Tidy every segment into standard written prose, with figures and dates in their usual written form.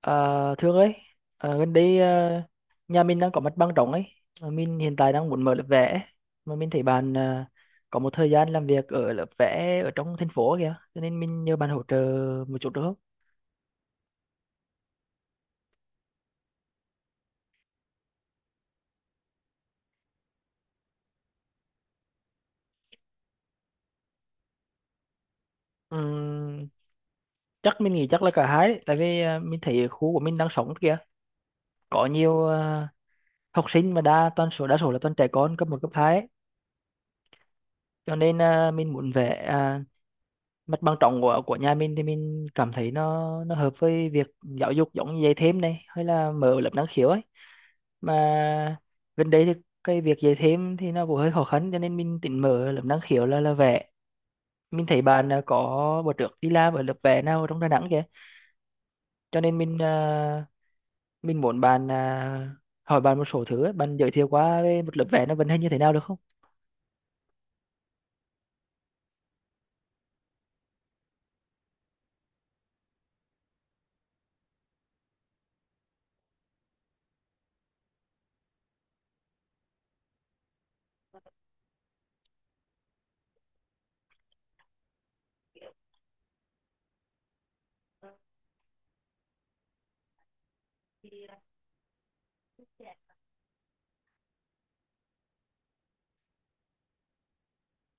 À, Thương ơi, gần đây, nhà mình đang có mặt bằng rộng ấy, mà mình hiện tại đang muốn mở lớp vẽ ấy. Mà mình thấy bạn có một thời gian làm việc ở lớp vẽ ở trong thành phố kìa, cho nên mình nhờ bạn hỗ trợ một chút được không? Ừm, chắc mình nghĩ chắc là cả hai, đấy, tại vì mình thấy khu của mình đang sống kìa, có nhiều học sinh mà đa số là toàn trẻ con cấp một cấp 2 ấy. Cho nên mình muốn vẽ, mặt bằng trống của nhà mình thì mình cảm thấy nó hợp với việc giáo dục, giống như dạy thêm này hay là mở lớp năng khiếu ấy. Mà gần đây thì cái việc dạy thêm thì nó cũng hơi khó khăn, cho nên mình tính mở lớp năng khiếu là vẽ. Mình thấy bạn có bữa trước đi làm ở lớp vẽ nào ở trong Đà Nẵng kìa, cho nên mình muốn bạn, hỏi bạn một số thứ ấy. Bạn giới thiệu qua về một lớp vẽ nó vận hành như thế nào được không?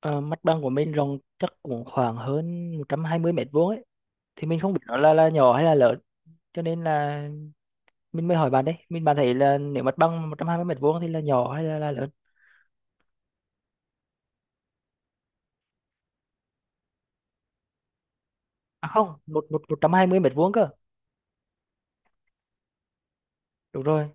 Ờ, mặt bằng của mình rộng chắc cũng khoảng hơn 120 mét vuông ấy, thì mình không biết nó là nhỏ hay là lớn, cho nên là mình mới hỏi bạn đấy. Bạn thấy là nếu mặt bằng 120 mét vuông thì là nhỏ hay là lớn? À không, một một 120 mét vuông cơ. Đúng rồi.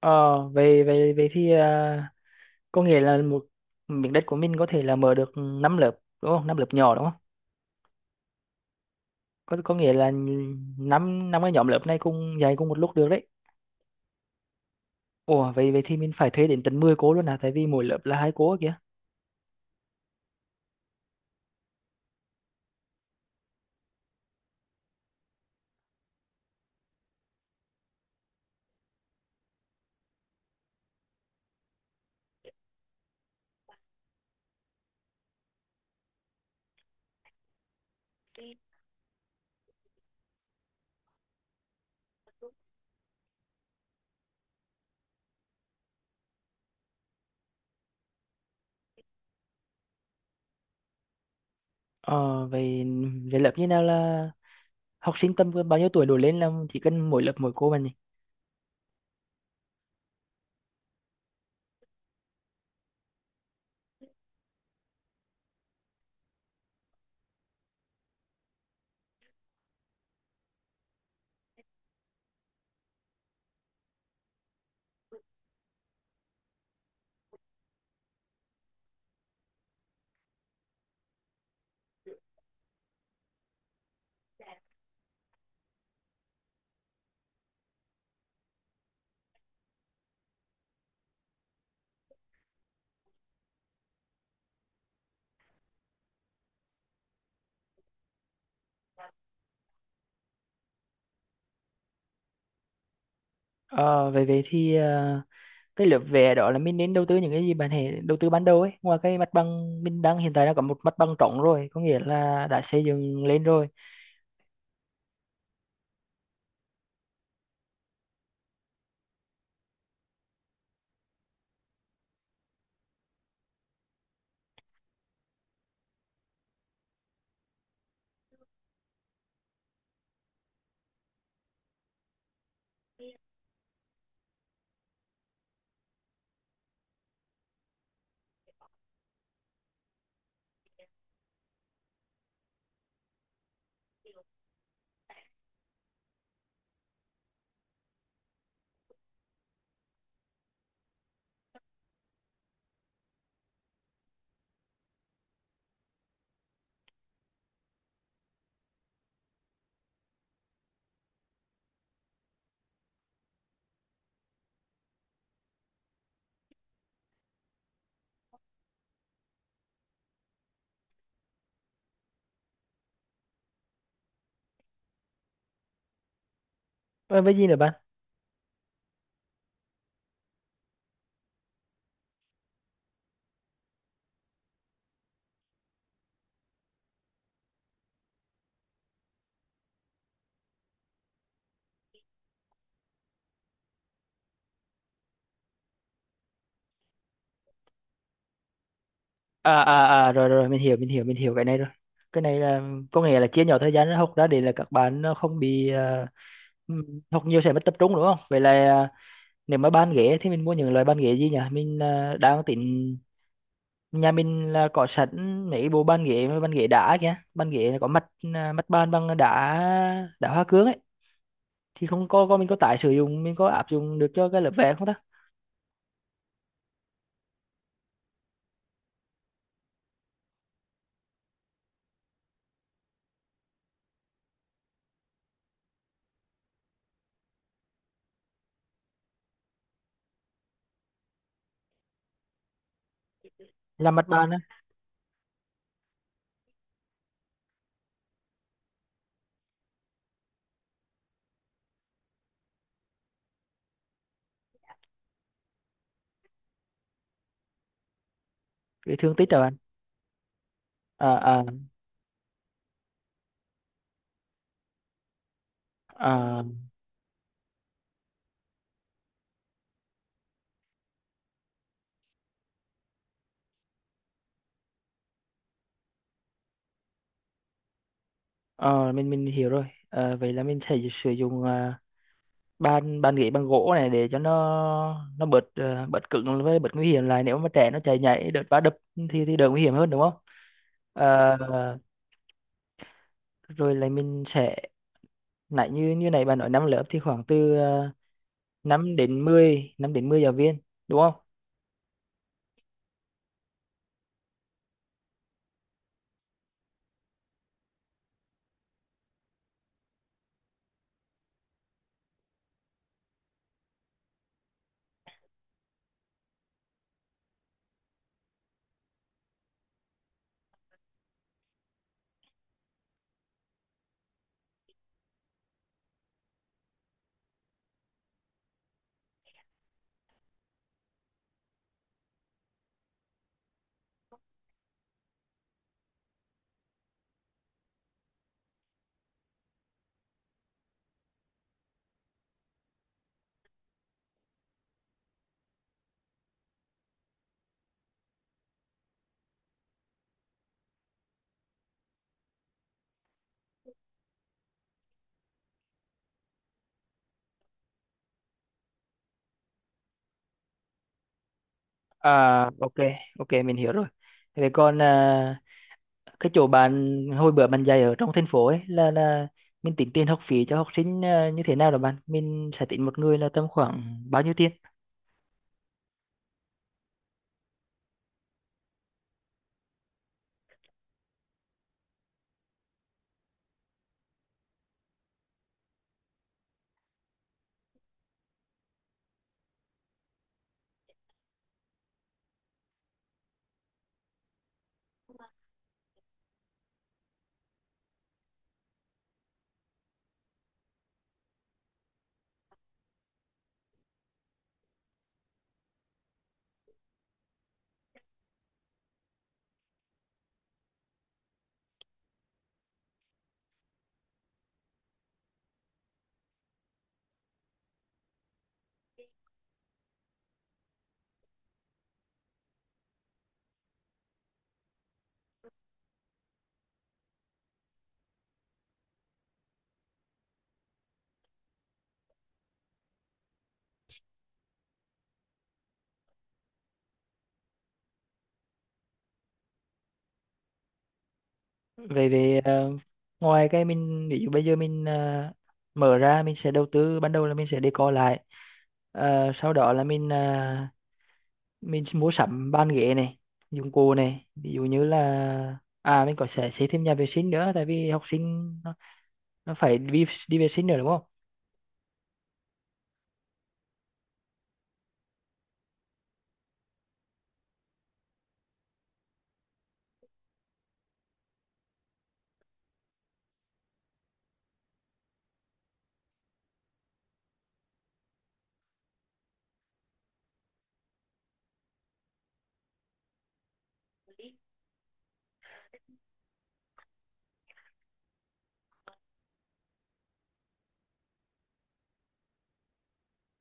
Ờ về về về thì à, Có nghĩa là một miếng đất của mình có thể là mở được 5 lớp đúng không? Năm lớp nhỏ đúng không? Có có nghĩa là năm năm cái nhóm lớp này cùng dạy cùng một lúc được đấy. Ủa, vậy vậy thì mình phải thuê đến tận 10 cô luôn à, tại vì mỗi lớp là hai cô kìa? Ờ vậy, về lớp như nào là học sinh tầm bao nhiêu tuổi đổ lên là chỉ cần mỗi lớp mỗi cô mà nhỉ? Ờ, vậy vậy thì ờ, Cái lớp vẽ đó là mình nên đầu tư những cái gì, bạn hãy đầu tư ban đầu ấy, ngoài cái mặt bằng mình đang hiện tại đang có một mặt bằng trống rồi, có nghĩa là đã xây dựng lên rồi. Ờ, với gì nữa bạn? Rồi rồi, mình hiểu, mình hiểu cái này rồi. Cái này là có nghĩa là chia nhỏ thời gian học ra để là các bạn nó không bị học nhiều sẽ mất tập trung đúng không? Vậy là, nếu mà bàn ghế thì mình mua những loại bàn ghế gì nhỉ? Đang tính nhà mình là có sẵn mấy bộ bàn ghế và bàn ghế đá kìa, bàn ghế là có mặt, mặt bàn bằng đá, đá hoa cương ấy, thì không có có mình có tái sử dụng, mình có áp dụng được cho cái lớp vẽ không ta? Làm mặt bàn á. Cái thương tích rồi bạn. à, à, à, mình hiểu rồi. À, vậy là mình sẽ sử dụng, bàn bàn ghế bằng gỗ này để cho nó bớt, bớt cứng với bớt nguy hiểm lại, nếu mà trẻ nó chạy nhảy đợt va đập thì đỡ nguy hiểm hơn đúng không? À, rồi là mình sẽ, nãy như như này bạn nói năm lớp thì khoảng từ 5 đến mười, 5 đến 10 giáo viên đúng không? À ok, ok mình hiểu rồi. Vậy còn cái chỗ bạn hồi bữa bạn dạy ở trong thành phố ấy, là mình tính tiền học phí cho học sinh như thế nào đó bạn? Mình sẽ tính một người là tầm khoảng bao nhiêu tiền? Về về ờ, Ngoài cái mình ví dụ bây giờ mình mở ra, mình sẽ đầu tư ban đầu là mình sẽ decor lại. Ờ, sau đó là mình mua sắm bàn ghế này, dụng cụ này, ví dụ như là à mình có sẽ xây thêm nhà vệ sinh nữa, tại vì học sinh nó phải đi đi vệ sinh nữa đúng không?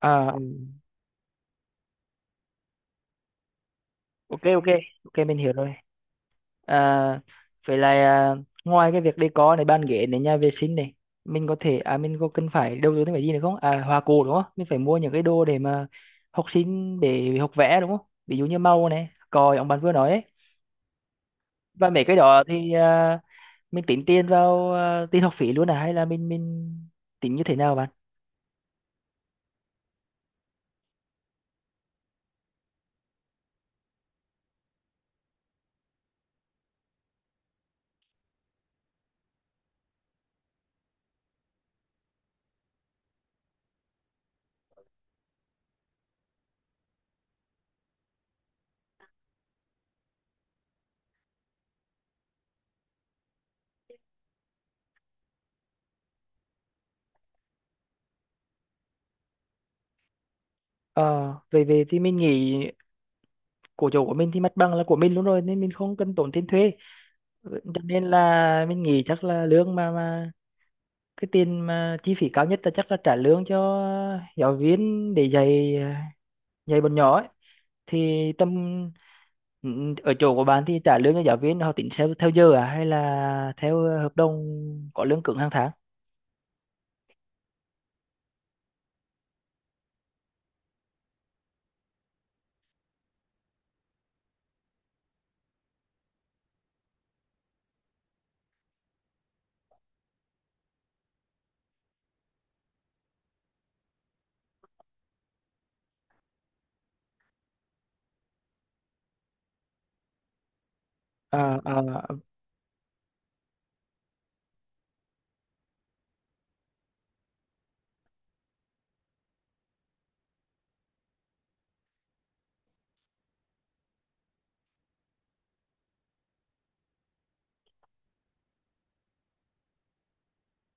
À ừ. Ok, ok ok mình hiểu rồi. À vậy là, ngoài cái việc decor này, bàn ghế này, nhà vệ sinh này, mình có cần phải đầu tư thêm cái gì nữa không? À hoa cồ đúng không, mình phải mua những cái đồ để mà học sinh để học vẽ đúng không, ví dụ như màu này, còi ông bạn vừa nói ấy. Và mấy cái đó thì mình tính tiền vào tiền học phí luôn à hay là mình tính như thế nào bạn? Ờ về về thì Mình nghĩ của chỗ của mình thì mặt bằng là của mình luôn rồi nên mình không cần tốn tiền thuê. Ừ, cho nên là mình nghĩ chắc là lương mà cái tiền mà chi phí cao nhất là chắc là trả lương cho giáo viên để dạy, dạy bọn nhỏ ấy. Thì tầm ừ, ở chỗ của bạn thì trả lương cho giáo viên họ tính theo theo giờ à hay là theo hợp đồng, có lương cứng hàng tháng? Ờ, ờ.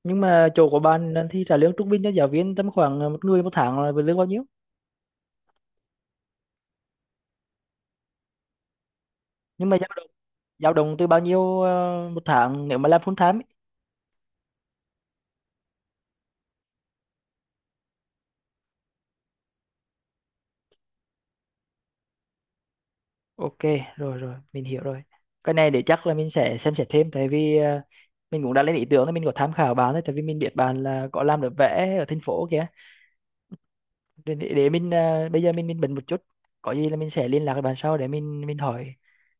Nhưng mà chỗ của bạn là thì trả lương trung bình cho giáo viên tầm khoảng một người một tháng là với lương bao nhiêu? Nhưng mà dao động Dao động từ bao nhiêu một tháng nếu mà làm full time ấy? Ok, rồi rồi mình hiểu rồi. Cái này để chắc là mình sẽ xem xét thêm, tại vì mình cũng đã lên ý tưởng là mình có tham khảo bạn đấy, tại vì mình biết bạn là có làm được vẽ ở thành phố kìa. Để mình bây giờ mình bận một chút, có gì là mình sẽ liên lạc với bạn sau để mình hỏi,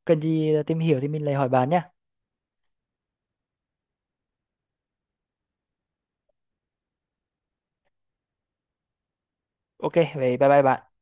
cần gì tìm hiểu thì mình lại hỏi bạn nhá. Ok vậy, bye bye bạn.